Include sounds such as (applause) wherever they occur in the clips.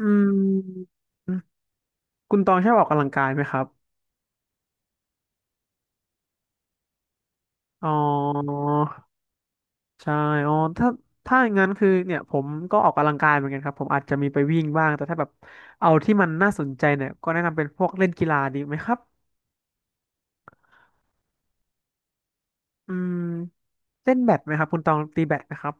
อืมคุณตองชอบออกกำลังกายไหมครับอ๋อใช่อ๋อถ้าถ้าอย่างนั้นคือเนี่ยผมก็ออกกำลังกายเหมือนกันครับผมอาจจะมีไปวิ่งบ้างแต่ถ้าแบบเอาที่มันน่าสนใจเนี่ยก็แนะนำเป็นพวกเล่นกีฬาดีไหมครับอืมเล่นแบดไหมครับคุณตองตีแบดไหมครับ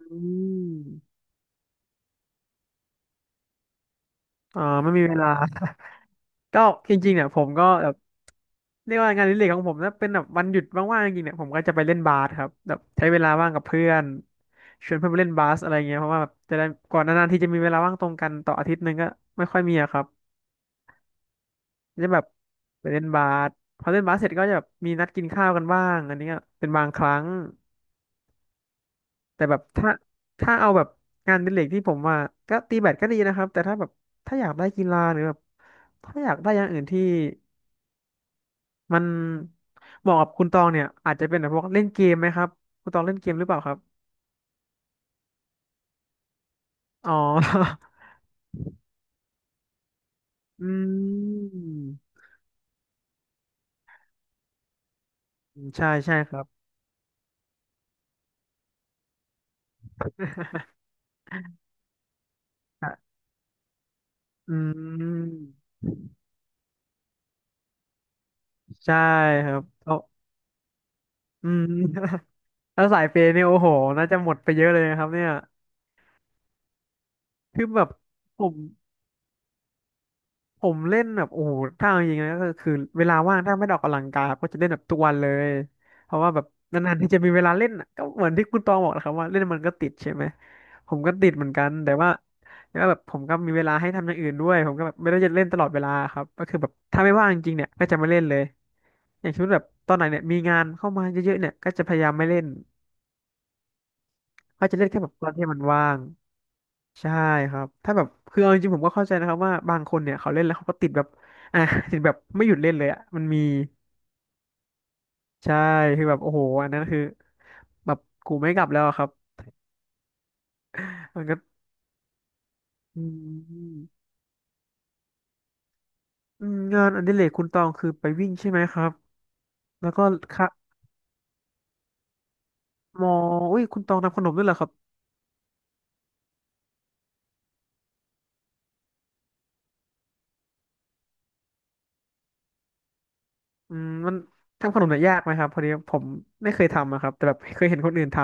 อืมไม่มีเวลา (laughs) ก็จริงๆเนี่ยผมก็แบบ เรียกว่างานอดิเรกของผมนะเป็นแบบวันหยุดว่างๆจริงๆเนี่ยผมก็จะไปเล่นบาสครับแบบใช้เวลาว่างกับเพื่อนชวนเพื่อนไปเล่นบาสอะไรเงี้ยเพราะว่าแบบจะได้ก่อนนานๆที่จะมีเวลาว่างตรงกันต่ออาทิตย์หนึงก็ไม่ค่อยมีอะครับจะแบบไปเล่นบาสพอเล่นบาสเสร็จก็จะแบบมีนัดกินข้าวกันบ้างอันนี้ก็เป็นบางครั้งแต่แบบถ้าถ้าเอาแบบงานอดิเรกที่ผมว่าก็ตีแบดก็ดีนะครับแต่ถ้าแบบถ้าอยากได้กีฬาหรือแบบถ้าอยากได้อย่างอื่นที่ มันเหมาะกับคุณตองเนี่ยอาจจะเป็นแบบพวกเล่นเกมไหมครับคุณตองเล่นเกมหรือเปล่าครับอ๋อ (laughs) อืมใช่ใช่ครับ (laughs) อืมใช่ครับเอาอืม (laughs) แล้วสายเปย์เนี่ยโอ้โหน่าจะหมดไปเยอะเลยนะครับเนี่ยคือแบบผม ผมเล่นแบบโอ้โหถ้าเอาจริงๆนะก็คือเวลาว่างถ้าไม่ได้ออกกำลังกายครับก็จะเล่นแบบทุกวันเลย เพราะว่าแบบนานๆที่จะมีเวลาเล่นอะก็เหมือนที่คุณตองบอกนะครับว่าเล่นมันก็ติดใช่ไหมผมก็ติดเหมือนกันแต่ว่าแบบผมก็มีเวลาให้ทำอย่างอื่นด้วยผมก็แบบไม่ได้จะเล่นตลอดเวลาครับก็คือแบบถ้าไม่ว่างจริงๆเนี่ยก็จะไม่เล่นเลยอย่างเช่นแบบตอนไหนเนี่ยมีงานเข้ามาเยอะๆเนี่ยก็จะพยายามไม่เล่นก็จะเล่นแค่แบบตอนที่มันว่าง ใช่ครับถ้าแบบคือเอาจริงๆผมก็เข้าใจนะครับว่าบางคนเนี่ยเขาเล่นแล้วเขาก็ติดแบบอ่ะ (laughs) ติดแบบไม่หยุดเล่นเลยอ่ะมันมี ใช่คือแบบโอ้โหอันนั้นคือแบบกูไม่กลับแล้วอะครับมันก็อืมอืมงานอดิเรกคุณตองคือไปวิ่งใช่ไหมครับแล้วก็ค่ะมออุ้ยคุณตองทำขนมด้วยเหรอครับอืมมันทำขนมเนี่ยยากไหมครับพอดีผมไม่เคยทำอะครับแต่แบบเคยเห็นคนอื่นท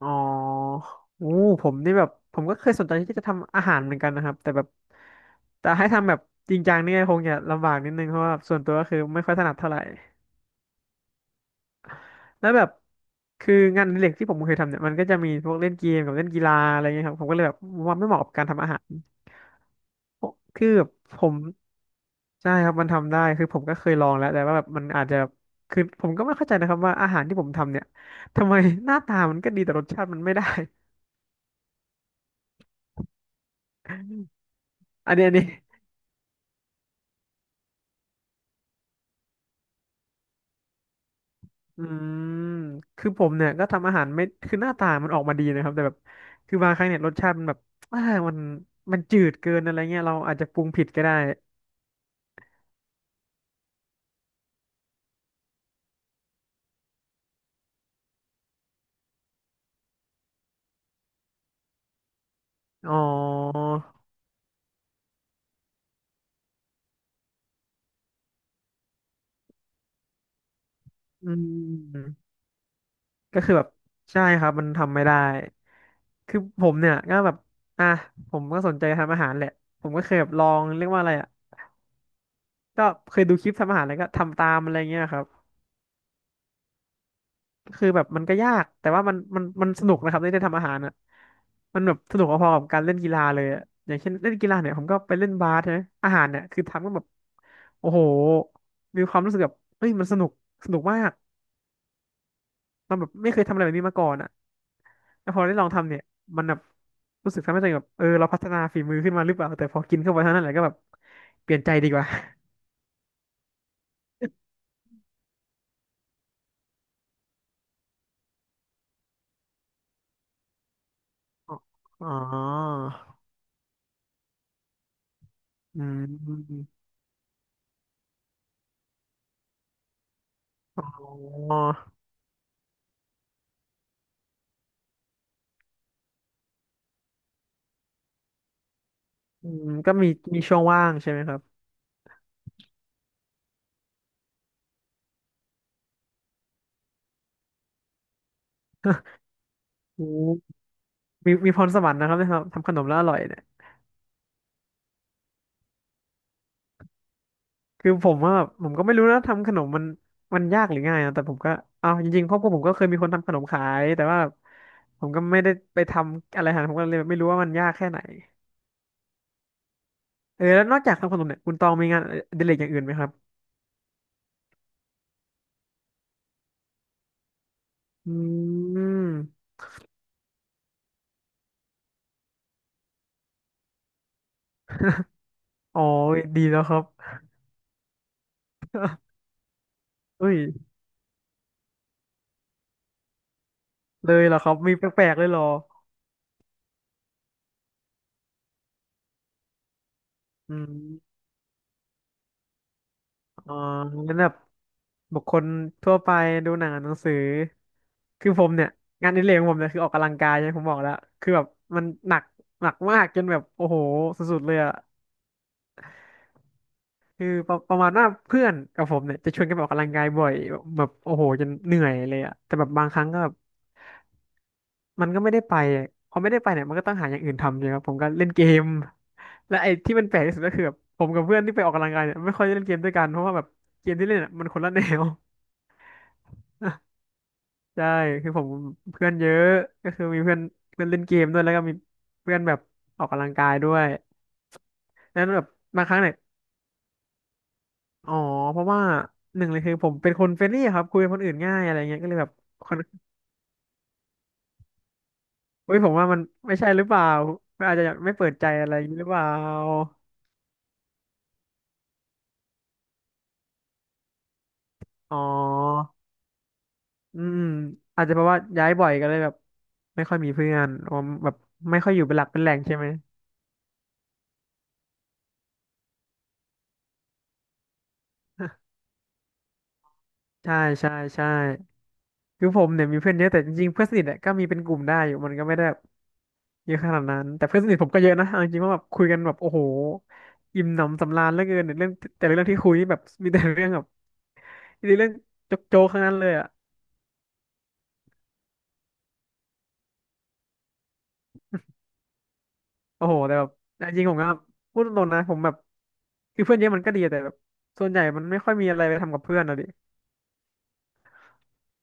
อ๋อโอ้ผมนี่แบบผมก็เคยสนใจที่จะทำอาหารเหมือนกันนะครับแต่แบบแต่ให้ทำแบบจริงจังนี่คงจะลำบากนิดนึงเพราะว่าส่วนตัวก็คือไม่ค่อยถนัดเท่าไหร่แล้วแบบคืองานอดิเรกที่ผมเคยทำเนี่ยมันก็จะมีพวกเล่นเกมกับเล่นกีฬาอะไรเงี้ยครับผมก็เลยแบบว่าไม่เหมาะกับการทำอาหารคือแบบผมใช่ครับมันทำได้คือผมก็เคยลองแล้วแต่ว่าแบบมันอาจจะคือผมก็ไม่เข้าใจนะครับว่าอาหารที่ผมทำเนี่ยทำไมหน้าตามันก็ดีแต่รสชาติมันไม่ได้ (laughs) อันนี้อืมคือผมเนี่ยก็ทำอาหารไม่คือหน้าตามันออกมาดีนะครับแต่แบบคือบางครั้งเนี่ยรสชาติมันแบบอ่ามันจืดเกินอะไรเงี้ยเราอาจจะปรุงผิดก็ได้อ๋ออืมก็คือแบบใช่ครับมันทำไม่ได้ คือผมเนี่ยก็แบบอ่ะผมก็สนใจทำอาหารแหละ ผมก็เคยแบบลองเรียกว่าอะไรอ่ะก็เคยดูคลิปทำอาหารแล้วก็ทำตามอะไรเงี้ยครับ คือแบบมันก็ยากแต่ว่ามันสนุกนะครับได้ทำอาหารอ่ะมันแบบสนุกพอๆกับการเล่นกีฬาเลยอะอย่างเช่นเล่นกีฬาเนี่ยผมก็ไปเล่นบาสใช่ไหมอาหารเนี่ยคือทำก็แบบโอ้โหมีความรู้สึกแบบเฮ้ยมันสนุกสนุกมากเราแบบไม่เคยทำอะไรแบบนี้มาก่อนอ่ะแล้วพอได้ลองทำเนี่ยมันแบบรู้สึกทำให้ตัวเองแบบเออเราพัฒนาฝีมือขึ้นมาหรือเปล่าแต่พอกินเข้าไปเท่านั้นแหละก็แบบเปลี่ยนใจดีกว่าอ๋อออืมอ๋ออืมก็มีมีช่วงว่างใช่ไหมครับ โอ้มีมีพรสวรรค์นะครับเนี่ยครับทำขนมแล้วอร่อยเนี่ยคือผมว่าแบบผมก็ไม่รู้นะทำขนมมันมันยากหรือง่ายนะแต่ผมก็เอาจริงๆครอบครัวผมก็เคยมีคนทำขนมขายแต่ว่าผมก็ไม่ได้ไปทำอะไรหาผมก็เลยไม่รู้ว่ามันยากแค่ไหนเออแล้วนอกจากทำขนมเนี่ยคุณตองมีงานอดิเรกอย่างอื่นไหมครับอืมอ๋อดีแล้วครับเอ้ยเลยเหรอครับมีแปลกๆเลยเหรออืม อ๋องั้นแบบบุคคลทั่วไปดูหนังอ่านหนังสือคือผมเนี่ยงานอดิเรกของผมเนี่ยคือออกกำลังกายใช่ผมบอกแล้วคือแบบมันหนักหนักมากจนแบบโอ้โหสุดๆเลยอะคือประมาณว่าเพื่อนกับผมเนี่ยจะชวนกันไปออกกำลังกายบ่อยแบบโอ้โหจนเหนื่อยเลยอะแต่แบบบางครั้งก็แบบมันก็ไม่ได้ไปอะพอไม่ได้ไปเนี่ยมันก็ต้องหาอย่างอื่นทำใช่ไหมครับผมก็เล่นเกมและไอ้ที่มันแปลกที่สุดก็คือแบบผมกับเพื่อนที่ไปออกกำลังกายเนี่ยไม่ค่อยได้เล่นเกมด้วยกันเพราะว่าแบบเกมที่เล่นอะมันคนละแนว ใช่คือผมเพื่อนเยอะก็คือมีเพื่อนเพื่อนเล่นเกมด้วยแล้วก็มีเพื่อนแบบออกกำลังกายด้วยแล้วแบบบางครั้งเนี่ยอ๋อเพราะว่าหนึ่งเลยคือผมเป็นคนเฟรนลี่ครับคุยกับคนอื่นง่ายอะไรเงี้ยก็เลยแบบคนเฮ้ยผมว่ามันไม่ใช่หรือเปล่าอาจจะไม่เปิดใจอะไรอย่างนี้หรือเปล่าอ๋ออืมอาจจะเพราะว่าย้ายบ่อยก็เลยแบบไม่ค่อยมีเพื่อนผมแบบไม่ค่อยอยู่เป็นหลักเป็นแหล่งใช่ไหม (laughs) ใช่ใช่ใช่ คือผมเนี่ยมีเพื่อนเยอะแต่จริงๆเพื่อนสนิทเนี่ยก็มีเป็นกลุ่มได้อยู่มันก็ไม่ได้แบบเยอะขนาดนั้นแต่เพื่อนสนิทผมก็เยอะนะเอาจริงๆว่าแบบคุยกันแบบโอ้โหอิ่มหนำสำราญเหลือเกินเนี่ยเรื่องแต่ละเรื่องที่คุยนี่แบบมีแต่เรื่องแบบมีแต่เรื่องโจ๊กๆทั้งนั้นเลยอ่ะโอ้โหแต่แบบจริงๆผมก็พูดตรงๆนะผมแบบคือเพื่อนเยอะมันก็ดีแต่แบบส่วนใหญ่มันไม่ค่อยมีอะไรไปทำกับเพื่อนอะดิ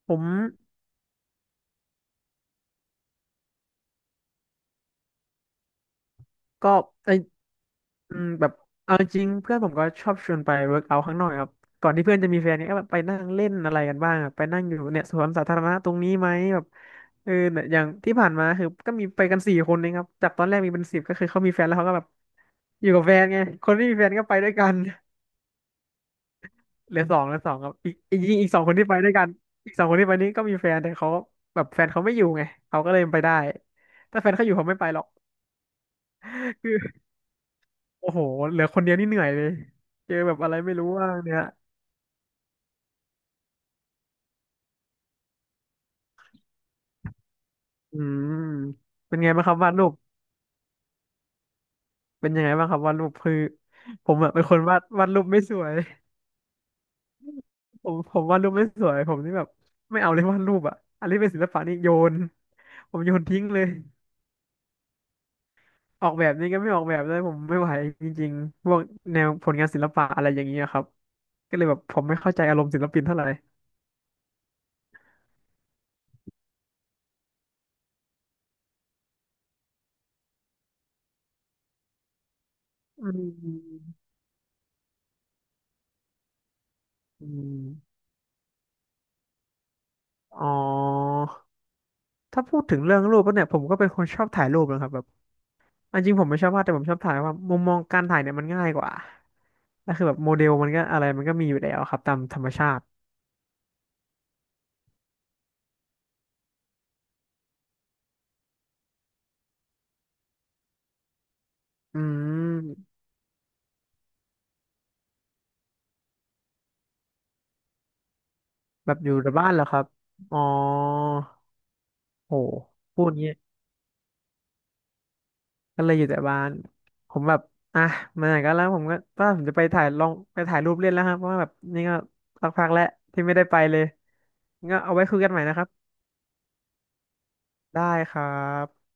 ผมก็ไอ แบบเอาจริงเพื่อนผมก็ชอบชวนไปเวิร์กเอาท์ข้างนอกครับก่อนที่เพื่อนจะมีแฟนเนี่ยก็แบบไปนั่งเล่นอะไรกันบ้างอะไปนั่งอยู่เนี่ยสวนสาธารณะตรงนี้ไหมแบบเออเนี่ยอย่างที่ผ่านมาคือก็มีไปกันสี่คนเองครับจากตอนแรกมีเป็นสิบก็คือเขามีแฟนแล้วเขาก็แบบอยู่กับแฟนไงคนที่มีแฟนก็ไปด้วยกัน (laughs) เหลือสองเหลือสองครับอีกสองคนที่ไปด้วยกันอีกสองคนที่ไปนี้ก็มีแฟนแต่เขาแบบแฟนเขาไม่อยู่ไงเขาก็เลยไปได้ถ้าแฟนเขาอยู่เขาไม่ไปหรอกคือโอ้โหเหลือคนเดียวนี่เหนื่อยเลยเจอแบบอะไรไม่รู้ว่างเนี่ย อืมเป็นไงบ้างครับวาดรูปเป็นยังไงบ้างครับวาดรูปคือผมอะเป็นคนวาดรูปไม่สวยผมวาดรูปไม่สวยผมนี่แบบไม่เอาเลยวาดรูปอะอันนี้เป็นศิลปะนี่โยนผมโยนทิ้งเลยออกแบบนี้ก็ไม่ออกแบบเลยผมไม่ไหวจริงๆพวกแนวผลงานศิลปะอะไรอย่างเงี้ยครับก็เลยแบบผมไม่เข้าใจอารมณ์ศิลปินเท่าไหร่อืมอืมอ๋อถ้าพูดถึงเรื่องรูปแล้วเนี่ยผมก็เป็นคนชอบถ่ายรูปนะครับแบบ อันจริงผมไม่ชอบวาดแต่ผมชอบถ่ายว่ามุมมองการถ่ายเนี่ยมันง่ายกว่าแล้วคือแบบโมเดลมันก็อะไรมันก็มีอยู่แล้วครับตามธรรมชาติอืมแบบอยู่แต่บ้านเหรอครับอ๋อโหพูดงี้ก็เลยอยู่แต่บ้านผมแบบอ่ะมาไหนก็แล้วผมก็ว่าผมจะไปถ่ายลองไปถ่ายรูปเล่นแล้วครับเพราะว่าแบบนี่ก็สักพักแล้วที่ไม่ได้ไปเลยงั้นเอาไว้คุยกันใหม่นะครับได้ครับ